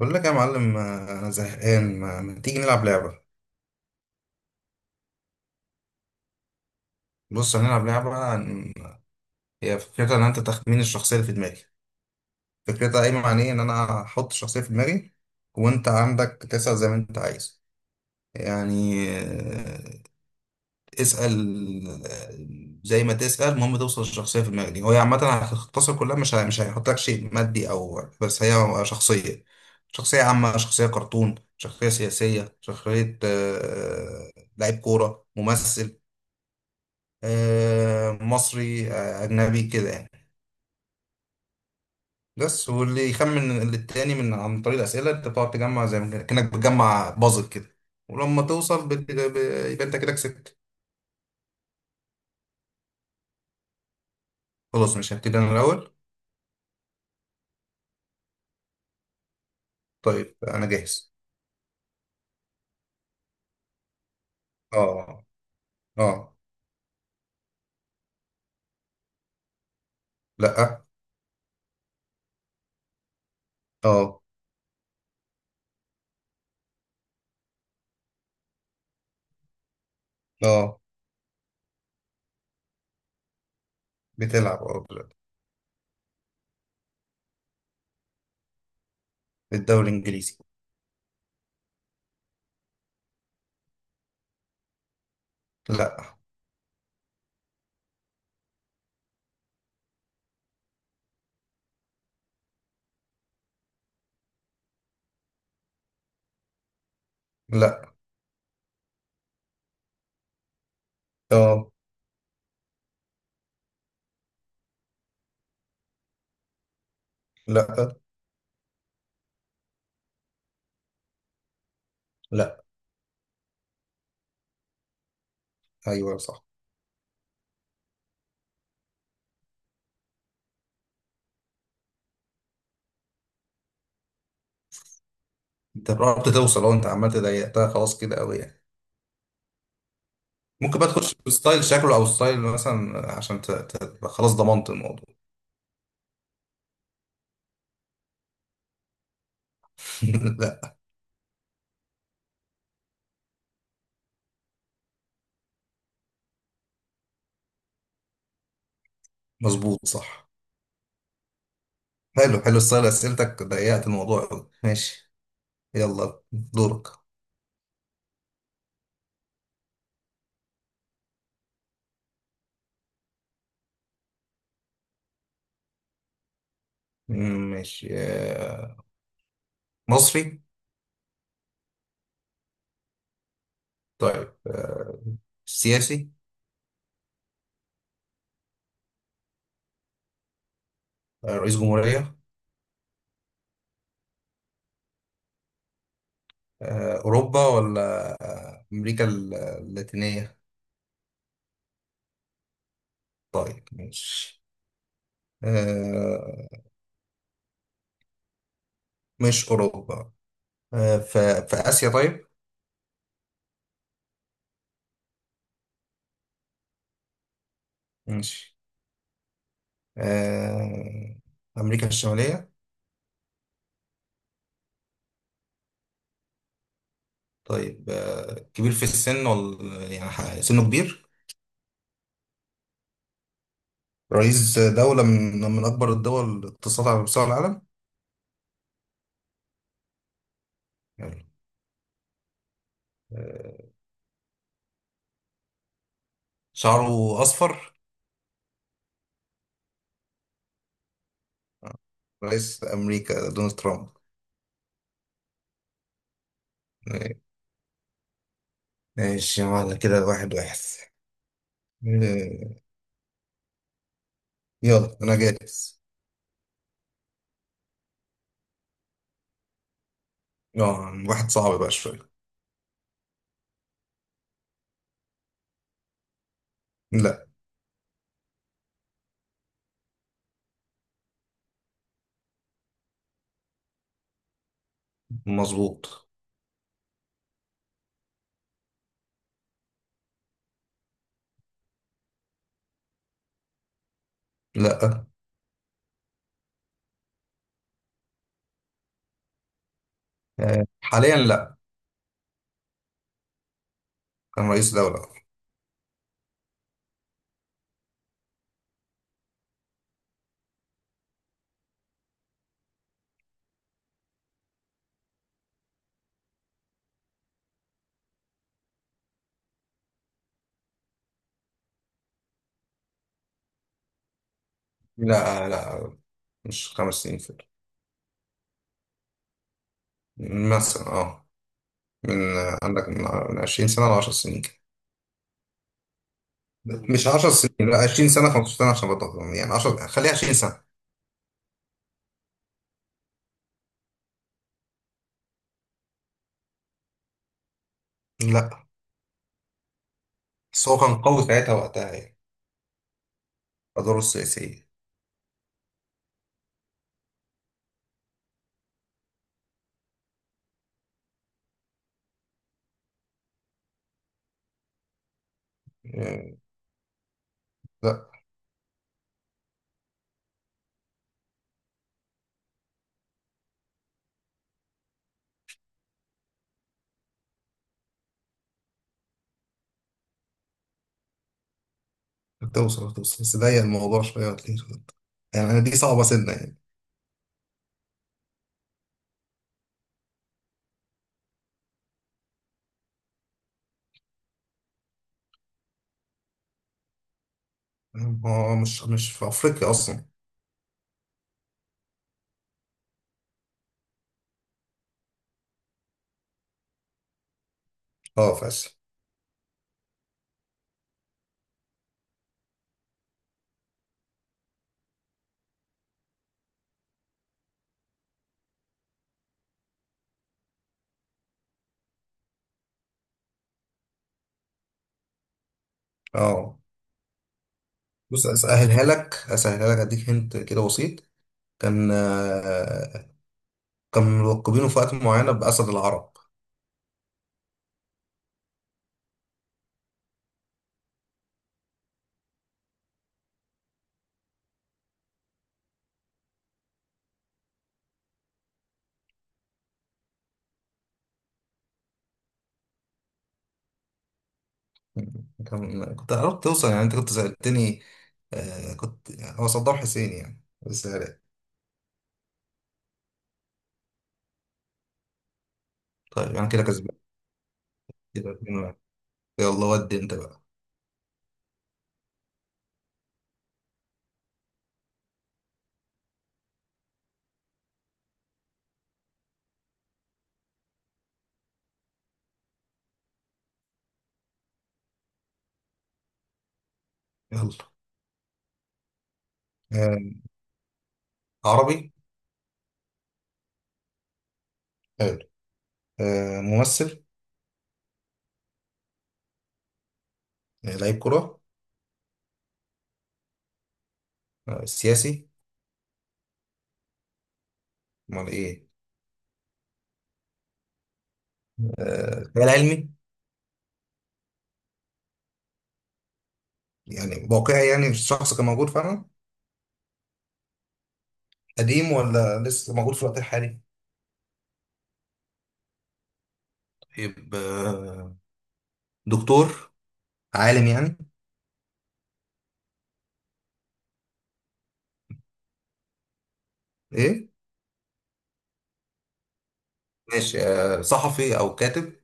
بقول لك يا معلم، انا زهقان. ما تيجي نلعب لعبه. بص هنلعب لعبه هي فكرتها ان انت تخمين الشخصيه اللي في دماغي. فكرتها قايمه عن ايه؟ ان انا احط الشخصيه في دماغي، وانت عندك تسال زي ما انت عايز. يعني اسال زي ما تسال. المهم توصل للشخصيه في دماغي دي. هو عامه هتختصر كلها، مش هيحط لك شيء مادي، او بس هي شخصيه: شخصيه عامه، شخصيه كرتون، شخصيه سياسيه، شخصيه لعيب كوره، ممثل، مصري أجنبي، كده يعني. بس واللي يخمن للتاني عن طريق الأسئلة، أنت بتقعد تجمع زي ما كأنك بتجمع بازل كده. ولما توصل يبقى أنت كده كسبت. خلاص، مش هبتدي أنا الأول. طيب، أنا جاهز. أه، أه. لأ. أه، أه. بتلعب، أه، دلوقتي. الدوري الإنجليزي. لأ. لأ. أه. لأ. لأ. أيوه، صح. أنت قربت توصل، أنت عمال تضيقتها خلاص كده أوي يعني. ممكن بقى تخش بستايل شكله او ستايل مثلا، عشان تبقى خلاص ضمنت الموضوع. لا. مظبوط، صح. حلو، حلو، ستايل اسئلتك ضيقت الموضوع أوي. ماشي. يلا، دورك. ماشي. مصري. طيب، سياسي. رئيس جمهورية. أوروبا، ولا أمريكا اللاتينية؟ طيب، ماشي. آه، مش أوروبا. في آسيا؟ طيب، ماشي. آه، أمريكا الشمالية. طيب، كبير في السن، ولا يعني سنه كبير؟ رئيس دولة من أكبر الدول اقتصادا على مستوى العالم. يلا. آه، شعره أصفر. آه، رئيس أمريكا دونالد ترامب. آه، ماشي، معنا كده واحد واحد. آه، يلا، أنا جاهز. اه واحد صعب بقى شوية. لا. مظبوط. لا. حاليا لا. كان رئيس دولة. لا، لا. مش 5 سنين فاتوا. مثلا، اه. من عندك، من 20 سنة ل 10 سنين كده. مش 10 سنين، لا، 20 سنة، 15 سنة، عشان بطل يعني 10، خليها 20 سنة. لا، بس هو كان قوي ساعتها وقتها، يعني أدواره السياسية. يعني لا. هتوصل، هتوصل، بس ضيق الموضوع شوية وتلاقيه. خد. يعني أنا دي صعبة سنة يعني. هو مش في أفريقيا أصلا. اه، في آسيا. اه. بص، أسهلها لك، أسهلها لك، أديك هنت كده، بسيط. كان آه، كانوا ملقبينه في وقت معينة بأسد العرب. كنت قربت توصل يعني، انت كنت سألتني. كنت يعني هو صدام حسين يعني، بس يعني. طيب، انا كده كسبان. كده 2-1. يلا، ودي انت بقى. يلا. آه عربي. حلو. ممثل. لعيب كرة. سياسي. امال ايه؟ خيال علمي. يعني واقعي، يعني الشخص كان موجود فعلا. قديم ولا لسه موجود في الوقت الحالي؟ طيب، دكتور، عالم يعني. ايه. ماشي، صحفي او كاتب.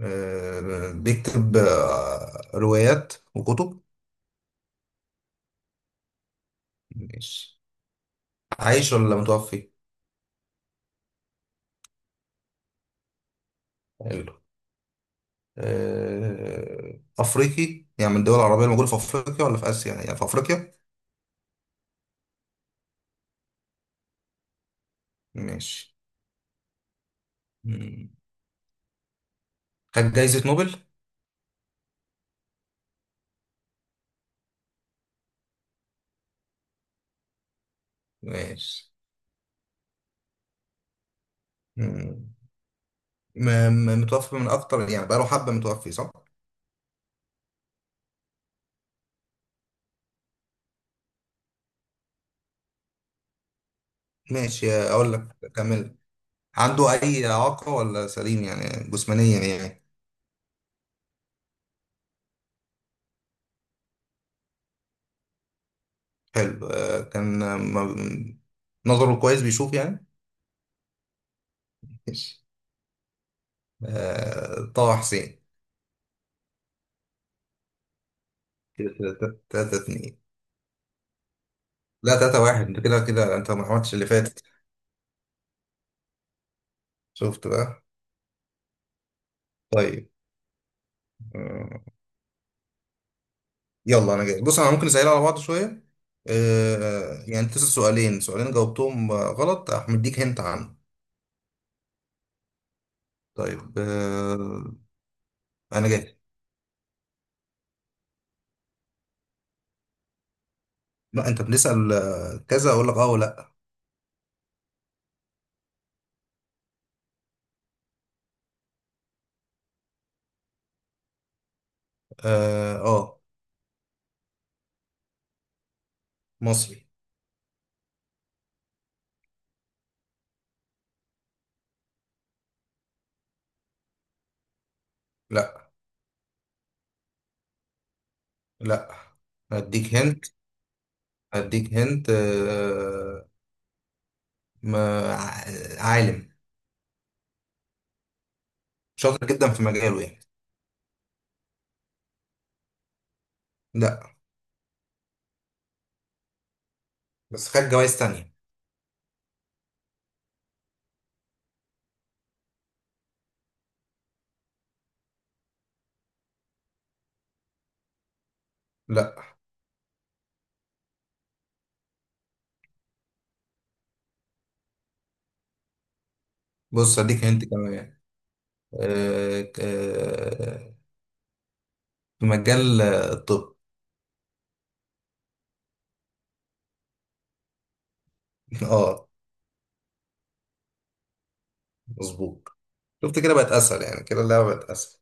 بيكتب روايات وكتب. ماشي. عايش ولا متوفي؟ حلو. افريقي، يعني من الدول العربيه الموجوده في افريقيا ولا في اسيا؟ يعني في افريقيا. ماشي. مم. خد جايزه نوبل. ماشي. مم. م- متوفي من اكتر، يعني بقاله حبه متوفي، صح؟ ماشي، اقول لك، كمل. عنده أي إعاقة ولا سليم يعني جسمانيا يعني؟ حلو. نظره كويس، بيشوف يعني؟ ماشي. طه حسين. كده تلاتة، 3-2. لا، 3-1. انت كده انت ما عملتش اللي فاتت. شفت بقى. طيب. آه، يلا، انا جاي. بص، انا ممكن اسأل على بعض شوية. يعني تسأل سؤالين، سؤالين جاوبتهم غلط، هديك هنت عنه. طيب، انا جاي. لا، انت بنسأل كذا اقول لك، اه ولا. اه، مصري. لا، لا. هديك هنت. هديك هنت. ما عالم، شاطر جدا في مجاله يعني. لا، بس خد جوائز تانية. لا. بص، هديك هنت كمان. آه، آه، في مجال الطب. اه. مظبوط. شفت كده بقت اسهل يعني، كده اللعبة بقت اسهل.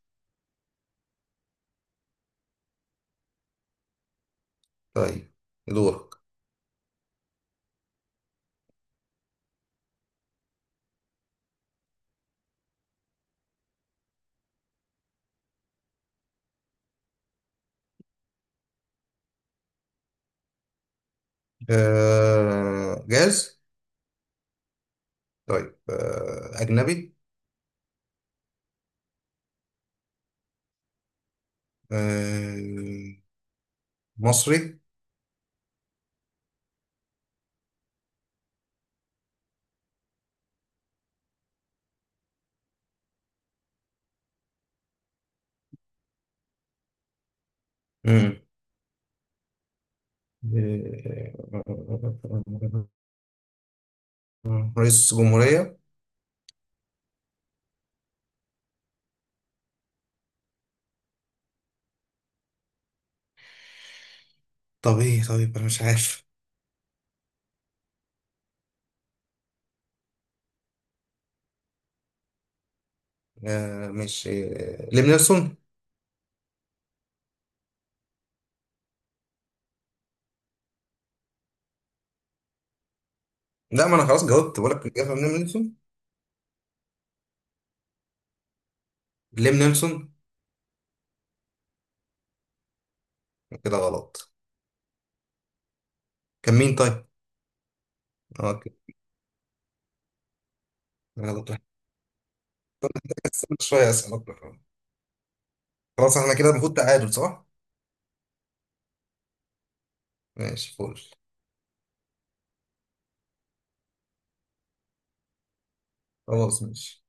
طيب، دورك. جاهز. طيب، اجنبي. آه، مصري. آه، رئيس جمهورية. طب ايه؟ طيب، انا مش عارف. مش ليم نيلسون؟ لا، ما انا خلاص جاوبت، بقول لك الإجابة ليم نيلسون. ليم نيلسون. كده غلط؟ كان مين طيب؟ اه، كده غلط. استنى شوية، اسأل أكتر. خلاص، احنا كده المفروض تعادل، صح؟ ماشي، فول. خلاص، ماشي.